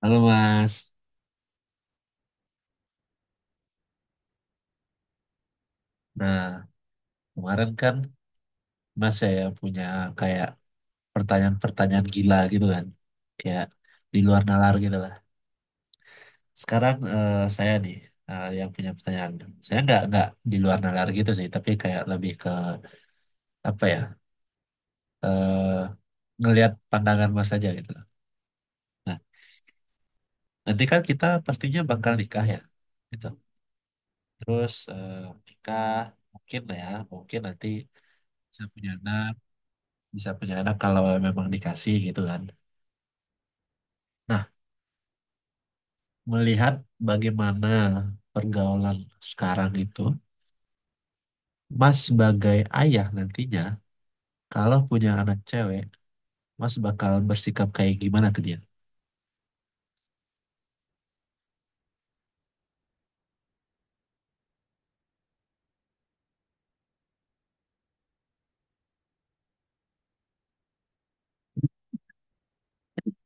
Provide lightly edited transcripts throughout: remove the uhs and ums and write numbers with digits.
Halo Mas. Nah, kemarin kan Mas saya punya kayak pertanyaan-pertanyaan gila gitu kan. Kayak di luar nalar gitu lah. Sekarang saya nih, yang punya pertanyaan. Saya nggak di luar nalar gitu sih, tapi kayak lebih ke apa ya? eh Ngelihat pandangan Mas aja gitu loh. Nah, nanti kan kita pastinya bakal nikah ya. Gitu. Terus nikah mungkin lah ya, mungkin nanti bisa punya anak, bisa punya anak kalau memang dikasih gitu kan. Nah, melihat bagaimana pergaulan sekarang itu, Mas sebagai ayah nantinya, kalau punya anak cewek, Mas bakal bersikap kayak gimana ke dia?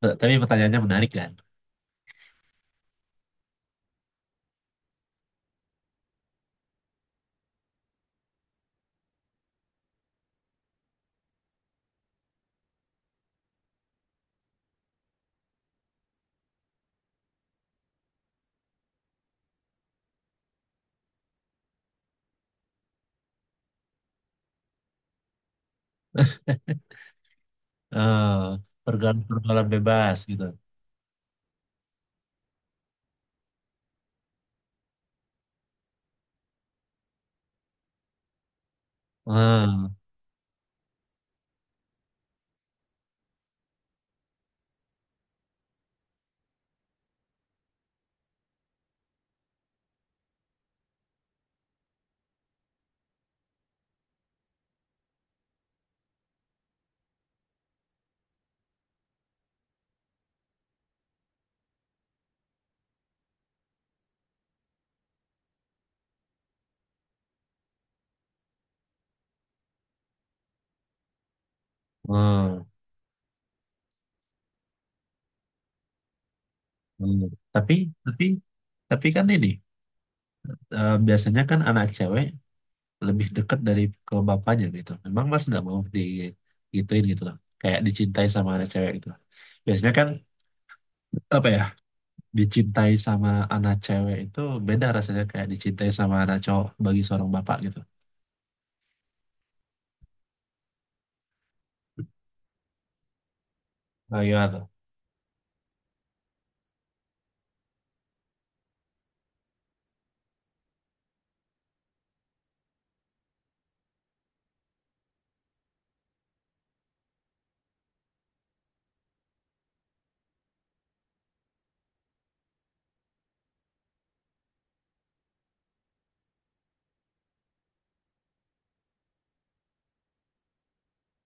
Tapi pertanyaannya menarik kan? Eh, Pergaulan pergaulan bebas gitu. Eh, eh, eh. Tapi tapi tapi kan ini, biasanya kan anak cewek lebih dekat dari ke bapaknya gitu. Memang Mas nggak mau digituin gitu loh. Kayak dicintai sama anak cewek gitu. Biasanya kan apa ya? Dicintai sama anak cewek itu beda rasanya kayak dicintai sama anak cowok bagi seorang bapak gitu. Nah, gimana tuh?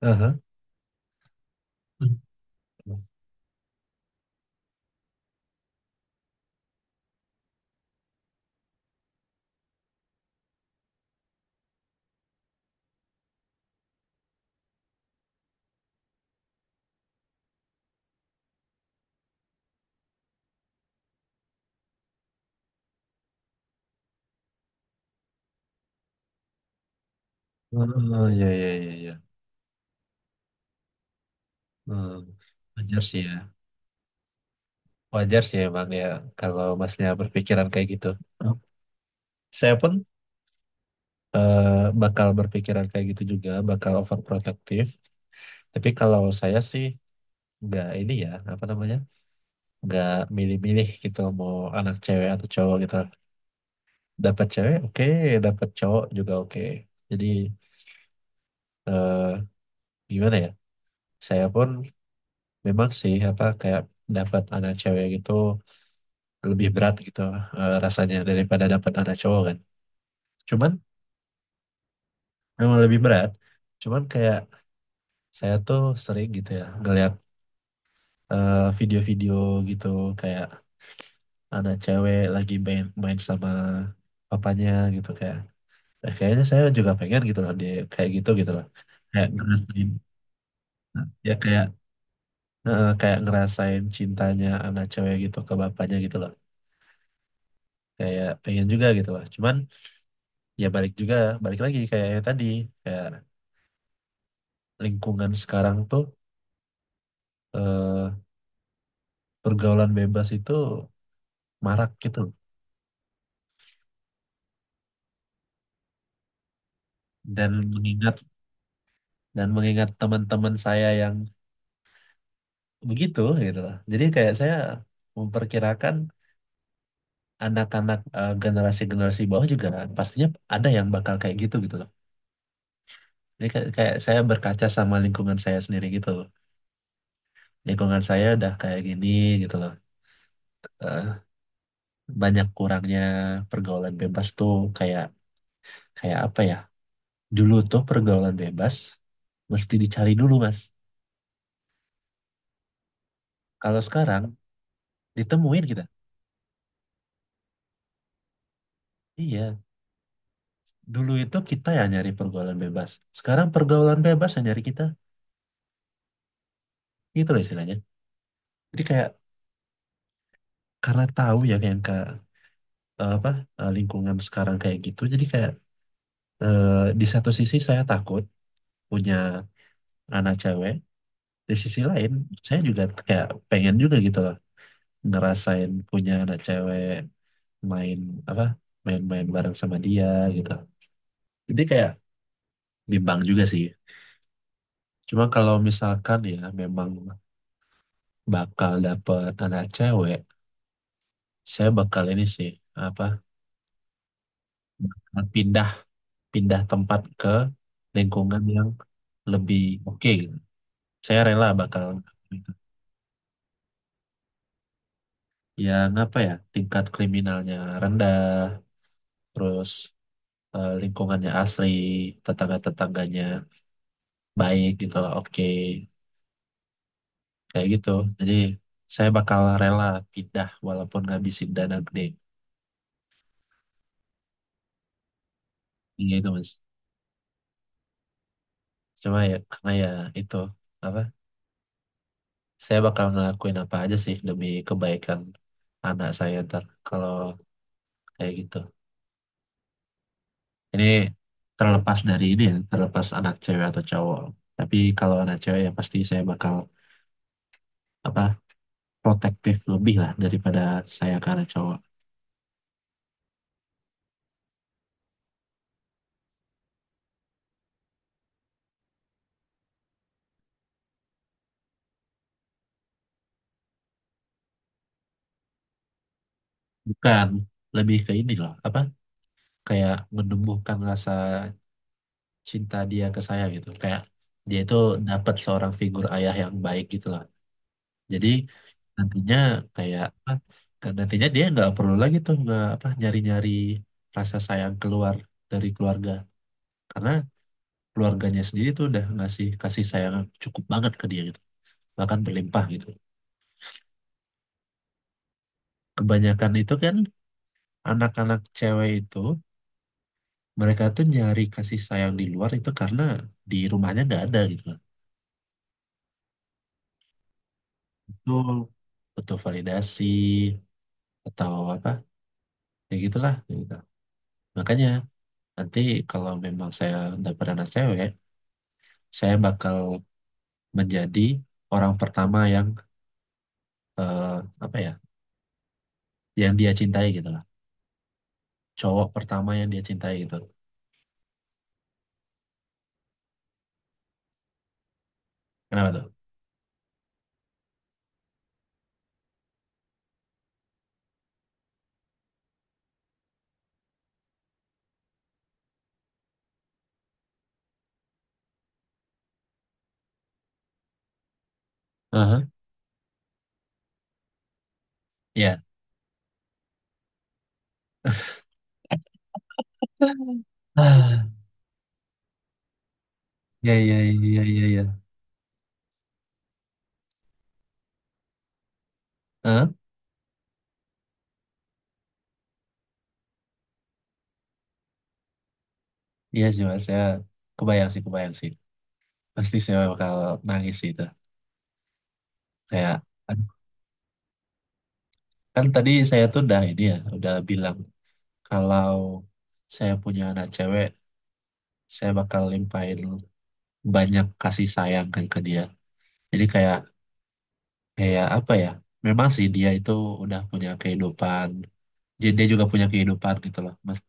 Aha. Hmm. Oh, ya, ya, ya, ya. Hmm. Wajar sih ya. Wajar sih emang ya kalau masnya berpikiran kayak gitu. Saya pun eh, bakal berpikiran kayak gitu juga, bakal overprotective. Tapi kalau saya sih nggak ini ya, apa namanya, nggak milih-milih gitu mau anak cewek atau cowok gitu. Dapat cewek oke, dapat cowok juga oke. Jadi eh, gimana ya, saya pun memang sih apa kayak dapat anak cewek gitu lebih berat gitu rasanya daripada dapat anak cowok kan, cuman memang lebih berat, cuman kayak saya tuh sering gitu ya ngeliat video-video gitu kayak anak cewek lagi main main sama papanya gitu, kayak kayaknya saya juga pengen gitu loh dia kayak gitu gitu loh, kayak ngerasain, ya kayak kayak ngerasain cintanya anak cewek gitu ke bapaknya gitu loh, kayak pengen juga gitu lah cuman ya balik juga, balik lagi kayak yang tadi, kayak lingkungan sekarang tuh, eh, pergaulan bebas itu marak gitu, dan mengingat, dan mengingat teman-teman saya yang begitu gitu lah, jadi kayak saya memperkirakan anak-anak generasi-generasi bawah juga pastinya ada yang bakal kayak gitu gitu loh. Jadi kayak, kayak saya berkaca sama lingkungan saya sendiri gitu, lingkungan saya udah kayak gini gitu loh. Eh, Banyak kurangnya pergaulan bebas tuh kayak, kayak apa ya? Dulu tuh pergaulan bebas mesti dicari dulu, Mas. Kalau sekarang ditemuin kita. Iya, dulu itu kita yang nyari pergaulan bebas. Sekarang pergaulan bebas yang nyari kita. Gitu loh istilahnya. Jadi kayak karena tahu ya kayak yang ke apa, lingkungan sekarang kayak gitu. Jadi kayak di satu sisi saya takut punya anak cewek, di sisi lain saya juga kayak pengen juga gitu loh ngerasain punya anak cewek main, apa, main-main bareng sama dia gitu, jadi kayak bimbang juga sih. Cuma kalau misalkan ya memang bakal dapet anak cewek, saya bakal ini sih, apa, bakal pindah, pindah tempat ke lingkungan yang lebih oke gitu. Saya rela bakal yang apa ya, tingkat kriminalnya rendah, terus lingkungannya asri, tetangga-tetangganya baik gitu lah, oke kayak gitu. Jadi saya bakal rela pindah walaupun ngabisin dana gede. Iya itu mas, cuma ya karena ya itu, apa, saya bakal ngelakuin apa aja sih demi kebaikan anak saya ntar kalau kayak gitu. Ini terlepas dari ini ya, terlepas anak cewek atau cowok, tapi kalau anak cewek ya pasti saya bakal, apa, protektif lebih lah daripada saya ke anak cowok. Bukan, lebih ke ini loh, apa, kayak menumbuhkan rasa cinta dia ke saya gitu, kayak dia itu dapat seorang figur ayah yang baik gitu lah. Jadi nantinya kayak apa, kan nantinya dia nggak perlu lagi tuh, nggak apa, nyari-nyari rasa sayang keluar dari keluarga karena keluarganya sendiri tuh udah ngasih kasih sayang yang cukup banget ke dia gitu, bahkan berlimpah gitu. Kebanyakan itu kan anak-anak cewek itu mereka tuh nyari kasih sayang di luar itu karena di rumahnya nggak ada gitu loh. Betul. Butuh validasi atau apa, ya gitulah ya gitu. Makanya nanti kalau memang saya dapat anak cewek, saya bakal menjadi orang pertama yang eh, apa ya, yang dia cintai gitu lah. Cowok pertama yang dia cintai gitu. Kenapa tuh? Aha. Ya. Ah, ya ya ya ya ya. Hah? Iya sih mas, saya kebayang sih, kebayang sih. Pasti saya bakal nangis sih itu. Kayak aduh, kan tadi saya tuh udah ini ya, udah bilang kalau saya punya anak cewek, saya bakal limpahin banyak kasih sayang kan ke dia. Jadi kayak, kayak apa ya? Memang sih dia itu udah punya kehidupan. Jadi dia juga punya kehidupan gitu loh. Mas,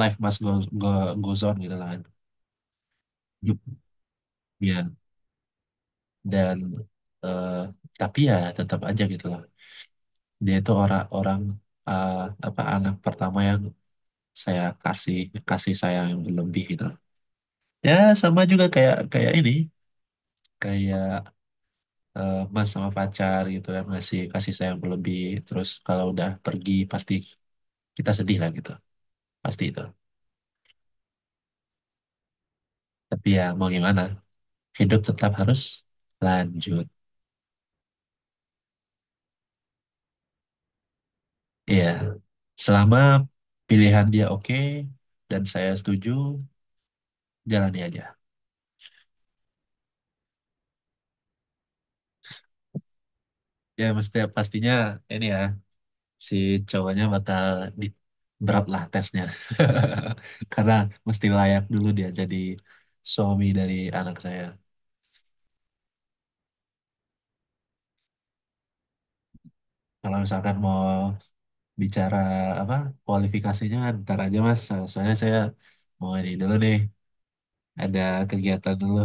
life must go, go, goes on gitu lah kan. Yup. Ya, dan eh, tapi ya tetap aja gitu loh. Dia itu orang-orang, eh, apa, anak pertama yang saya kasih kasih sayang yang berlebih gitu. Loh. Ya sama juga kayak, kayak ini, kayak mas sama pacar gitu kan ngasih kasih sayang berlebih, terus kalau udah pergi pasti kita sedih lah gitu, pasti itu. Tapi ya mau gimana, hidup tetap harus lanjut. Iya, selama pilihan dia oke dan saya setuju, jalani aja. Ya mesti pastinya ini ya, si cowoknya bakal di, berat lah tesnya karena mesti layak dulu dia jadi suami dari anak saya. Kalau misalkan mau bicara apa kualifikasinya ntar aja mas. Soalnya saya mau ini dulu nih, ada kegiatan dulu,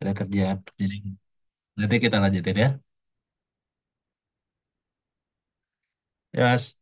ada kerjaan. Jadi nanti kita lanjutin ya. Ya mas.